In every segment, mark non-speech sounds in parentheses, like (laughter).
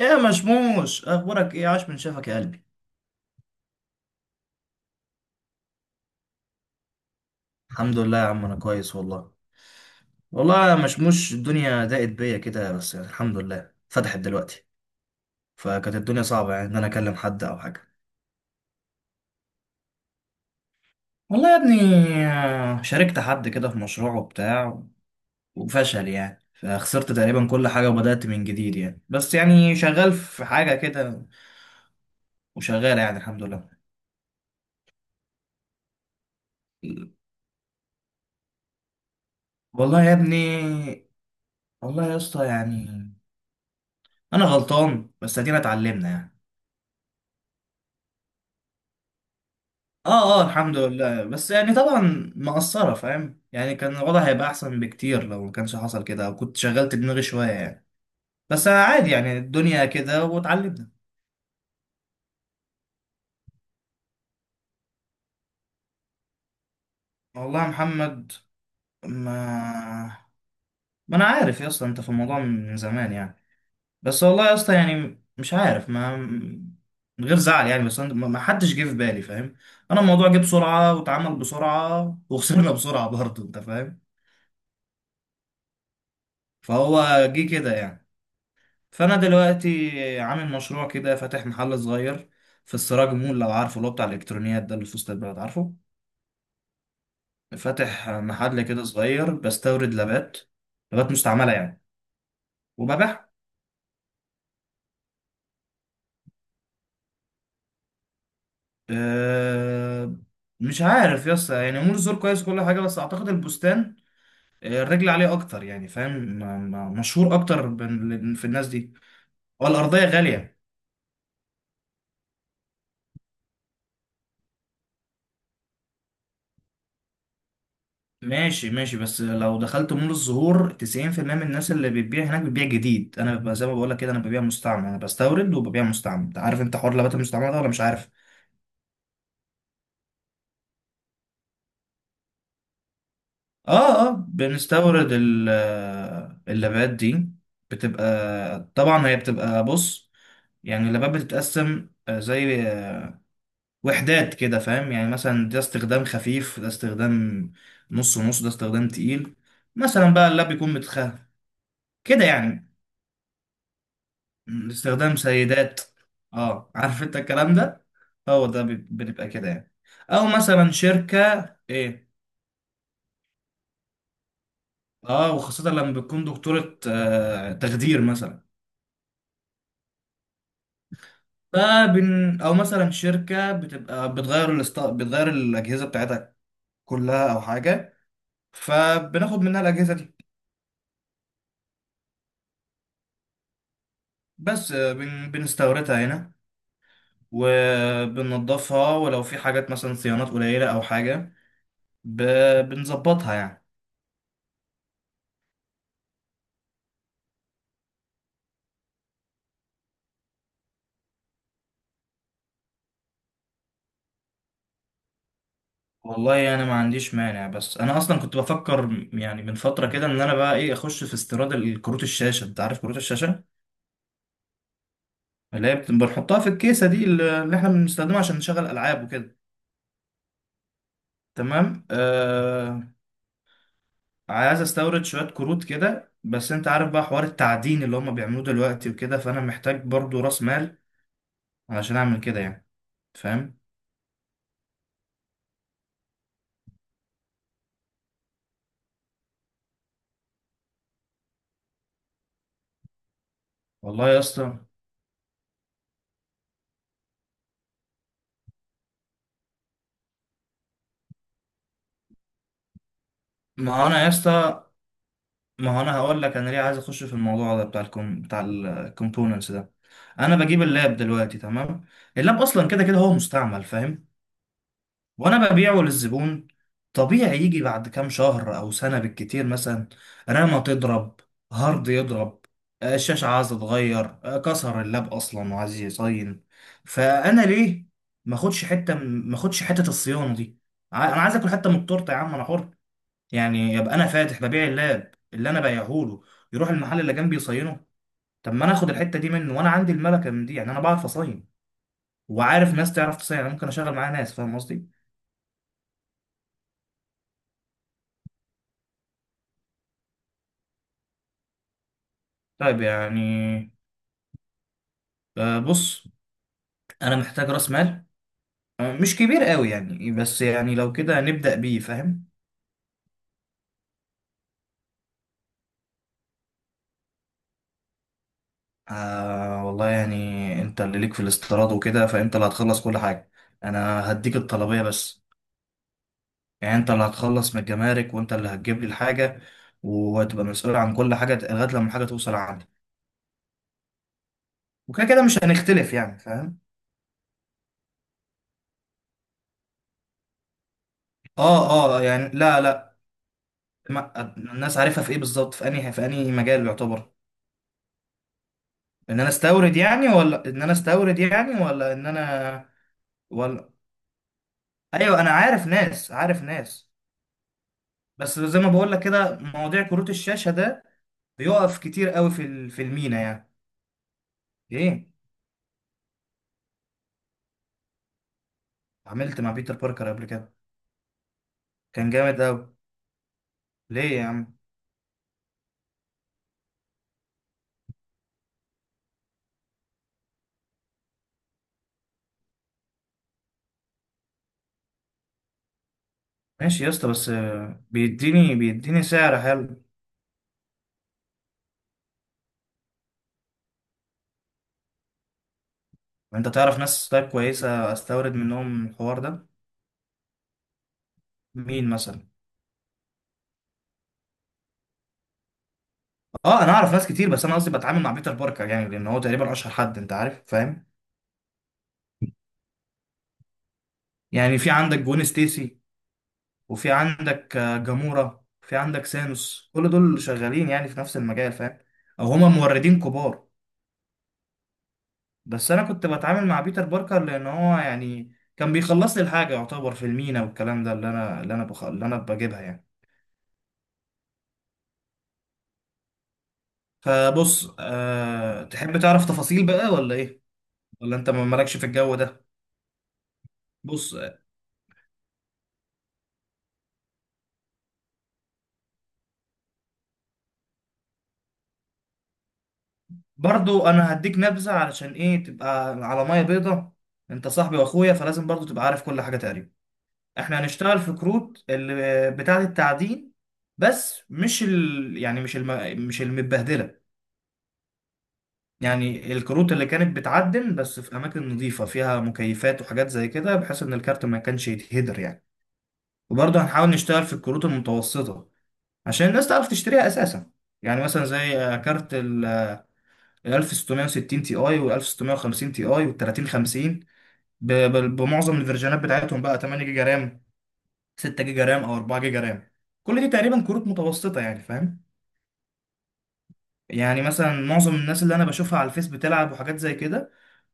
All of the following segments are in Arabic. ايه يا مشموش اخبارك ايه؟ عاش من شافك يا قلبي. الحمد لله يا عم انا كويس والله. والله يا مشموش الدنيا ضاقت بيا كده بس يعني الحمد لله فتحت دلوقتي. فكانت الدنيا صعبة يعني ان انا اكلم حد او حاجة. والله يا ابني، شاركت حد كده في مشروع وبتاع وفشل يعني فخسرت تقريبا كل حاجة وبدأت من جديد يعني بس يعني شغال في حاجة كده. وشغال يعني الحمد لله. والله يا ابني، والله يا اسطى يعني انا غلطان بس ادينا اتعلمنا يعني. اه اه الحمد لله بس يعني طبعا مقصرة فاهم يعني كان الوضع هيبقى احسن بكتير لو ما كانش حصل كده او كنت شغلت دماغي شوية يعني. بس عادي يعني الدنيا كده واتعلمنا. والله يا محمد. ما ما انا عارف يا اسطى انت في الموضوع من زمان يعني. بس والله يا اسطى يعني مش عارف. ما من غير زعل يعني بس ما حدش جه في بالي فاهم. انا الموضوع جه بسرعة واتعمل بسرعة وخسرنا (laughs) بسرعة برضه انت فاهم. فهو جه كده يعني. فانا دلوقتي عامل مشروع كده فاتح محل صغير في السراج مول لو عارفه، اللي هو بتاع الالكترونيات ده اللي في وسط البلد، عارفه؟ فاتح محل كده صغير بستورد لابات، لابات مستعمله يعني، وببيعها. أه مش عارف يا اسطى يعني مول الزور كويس كل حاجه بس اعتقد البستان، الرجل عليه اكتر يعني فاهم. مشهور اكتر في الناس دي. والارضيه غاليه. ماشي ماشي بس لو دخلت مول الزهور 90% من الناس اللي بتبيع هناك بتبيع جديد. انا ببقى زي ما بقول لك كده انا ببيع مستعمل، انا بستورد وببيع مستعمل. انت عارف انت حوار اللبات المستعمله ده ولا مش عارف؟ اه اه بنستورد اللبات دي بتبقى، طبعا هي بتبقى، بص، يعني اللبات بتتقسم آه، زي آه، وحدات كده فاهم. يعني مثلا ده استخدام خفيف، ده استخدام نص نص، ده استخدام تقيل. مثلا بقى اللاب بيكون متخ كده يعني. استخدام سيدات. اه عارف انت الكلام ده. هو ده بنبقى كده يعني، او مثلا شركة. ايه اه وخاصة لما بتكون دكتورة آه تخدير مثلا. فبن او مثلا شركة بتبقى بتغير الاجهزة بتاعتها كلها او حاجة، فبناخد منها الاجهزة دي. بس بنستوردها هنا وبننضفها، ولو في حاجات مثلا صيانات قليلة او حاجة ب... بنظبطها يعني. والله انا ما عنديش مانع بس انا اصلا كنت بفكر يعني من فتره كده ان انا بقى ايه اخش في استيراد كروت الشاشه. انت عارف كروت الشاشه اللي هي بنحطها في الكيسه دي اللي احنا بنستخدمها عشان نشغل العاب وكده، تمام؟ آه عايز استورد شويه كروت كده بس انت عارف بقى حوار التعدين اللي هم بيعملوه دلوقتي وكده، فانا محتاج برضو راس مال علشان اعمل كده يعني، فاهم؟ والله يا اسطى، ما هو انا يا اسطى، ما هو انا هقول لك انا ليه عايز اخش في الموضوع ده بتاع بتاع الكومبوننتس ده. انا بجيب اللاب دلوقتي تمام، اللاب اصلا كده كده هو مستعمل فاهم، وانا ببيعه للزبون. طبيعي يجي بعد كام شهر او سنة بالكتير مثلا رامة تضرب، هارد يضرب، آه، الشاشة عايزة تتغير، آه، كسر اللاب اصلا وعايز يصين. فانا ليه ما اخدش حتة الصيانة دي؟ انا عايز اكل حتة من التورتة يا عم، انا حر يعني. يبقى انا فاتح ببيع اللاب اللي انا بايعهوله، يروح المحل اللي جنبي يصينه؟ طب ما انا اخد الحته دي منه وانا عندي الملكه من دي يعني. انا بعرف اصين وعارف ناس تعرف تصين، انا ممكن اشغل معاها ناس، فاهم قصدي؟ طيب يعني، بص، انا محتاج راس مال، آه، مش كبير قوي يعني بس يعني لو كده نبدا بيه، فاهم؟ آه والله يعني انت اللي ليك في الاستيراد وكده فانت اللي هتخلص كل حاجه، انا هديك الطلبيه بس. يعني انت اللي هتخلص من الجمارك وانت اللي هتجيب لي الحاجه وهتبقى مسؤول عن كل حاجه لغايه لما الحاجه توصل عندي. وكده كده مش هنختلف يعني فاهم. اه اه يعني لا لا، ما الناس عارفها في ايه بالظبط، في انهي، في انهي مجال يعتبر ان انا استورد يعني، ولا ان انا استورد يعني، ولا ان انا ولا. ايوه انا عارف ناس، عارف ناس. بس زي ما بقول لك كده مواضيع كروت الشاشه ده بيقف كتير قوي في في المينا يعني. ايه عملت مع بيتر باركر قبل كده، كان جامد قوي. ليه يا عم؟ ماشي يا اسطى بس آه، بيديني بيديني سعر حلو. انت تعرف ناس طيب كويسه استورد منهم الحوار ده؟ مين مثلا؟ اه انا اعرف ناس كتير بس انا قصدي بتعامل مع بيتر باركر يعني لان هو تقريبا اشهر حد، انت عارف فاهم. يعني في عندك جون ستيسي، وفي عندك آه، جامورا، في عندك سانوس، كل دول شغالين يعني في نفس المجال فاهم، او هما موردين كبار. بس انا كنت بتعامل مع بيتر باركر لان هو يعني كان بيخلص لي الحاجه يعتبر في المينا والكلام ده اللي انا، اللي انا بجيبها يعني. فبص أه تحب تعرف تفاصيل بقى ولا ايه؟ ولا انت مالكش في الجو ده؟ بص آه، برضو انا هديك نبذة علشان ايه تبقى على مية بيضة. انت صاحبي واخويا فلازم برضو تبقى عارف كل حاجة تقريبا. احنا هنشتغل في كروت اللي بتاعة التعدين بس مش ال... يعني مش الم... مش المتبهدلة. يعني الكروت اللي كانت بتعدن بس في اماكن نظيفة فيها مكيفات وحاجات زي كده بحيث ان الكارت ما كانش يتهدر يعني. وبرضه هنحاول نشتغل في الكروت المتوسطة عشان الناس تعرف تشتريها اساسا. يعني مثلا زي كارت ال 1660 تي اي وال 1650 تي اي وال 3050، بمعظم الفيرجنات بتاعتهم بقى 8 جيجا رام، 6 جيجا رام، او 4 جيجا رام. كل دي تقريبا كروت متوسطه يعني فاهم. يعني مثلا معظم الناس اللي انا بشوفها على الفيس بتلعب وحاجات زي كده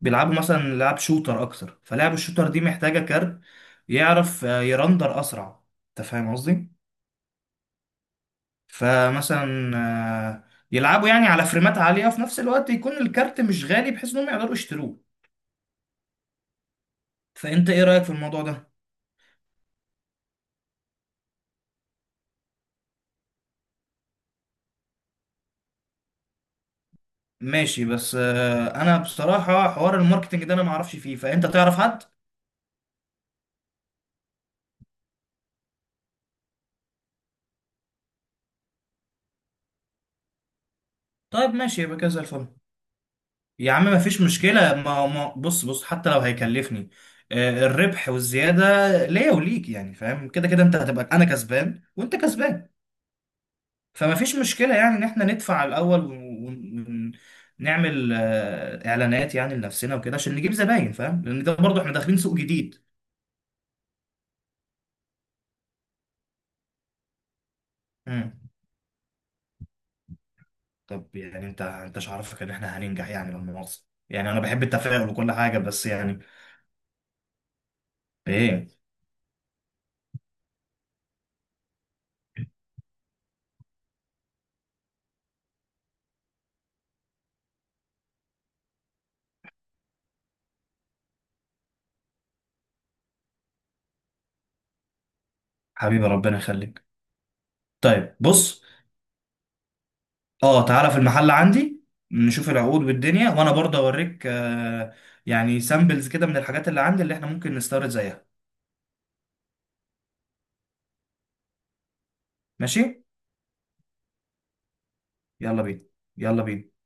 بيلعبوا مثلا لعب شوتر اكتر، فلعب الشوتر دي محتاجه كارت يعرف آه، يرندر اسرع، انت فاهم قصدي. فمثلا آه، يلعبوا يعني على فريمات عالية في نفس الوقت يكون الكارت مش غالي بحيث انهم يقدروا يشتروه. فانت ايه رأيك في الموضوع ده؟ ماشي بس آه، انا بصراحة حوار الماركتنج ده انا ما اعرفش فيه، فانت تعرف حد؟ طيب ماشي يبقى كده زي الفل. يا عم ما فيش مشكلة، ما ما بص بص حتى لو هيكلفني، آه، الربح والزيادة ليا وليك يعني فاهم. كده كده انت هتبقى انا كسبان وانت كسبان. فما فيش مشكلة يعني ان احنا ندفع الاول ونعمل آه، اعلانات يعني لنفسنا وكده عشان نجيب زباين، فاهم، لان ده برضه احنا داخلين سوق جديد. مم. طب يعني انت، انت مش عارفك ان احنا هننجح يعني، لما مؤاخذة. يعني انا بحب التفاؤل وكل حاجة بس يعني. ايه؟ حبيبي ربنا يخليك. طيب بص، اه تعالى في المحل عندي نشوف العقود والدنيا، وانا برضه اوريك آه، يعني سامبلز كده من الحاجات اللي عندي اللي احنا ممكن نستورد زيها. ماشي، يلا بينا، يلا بينا.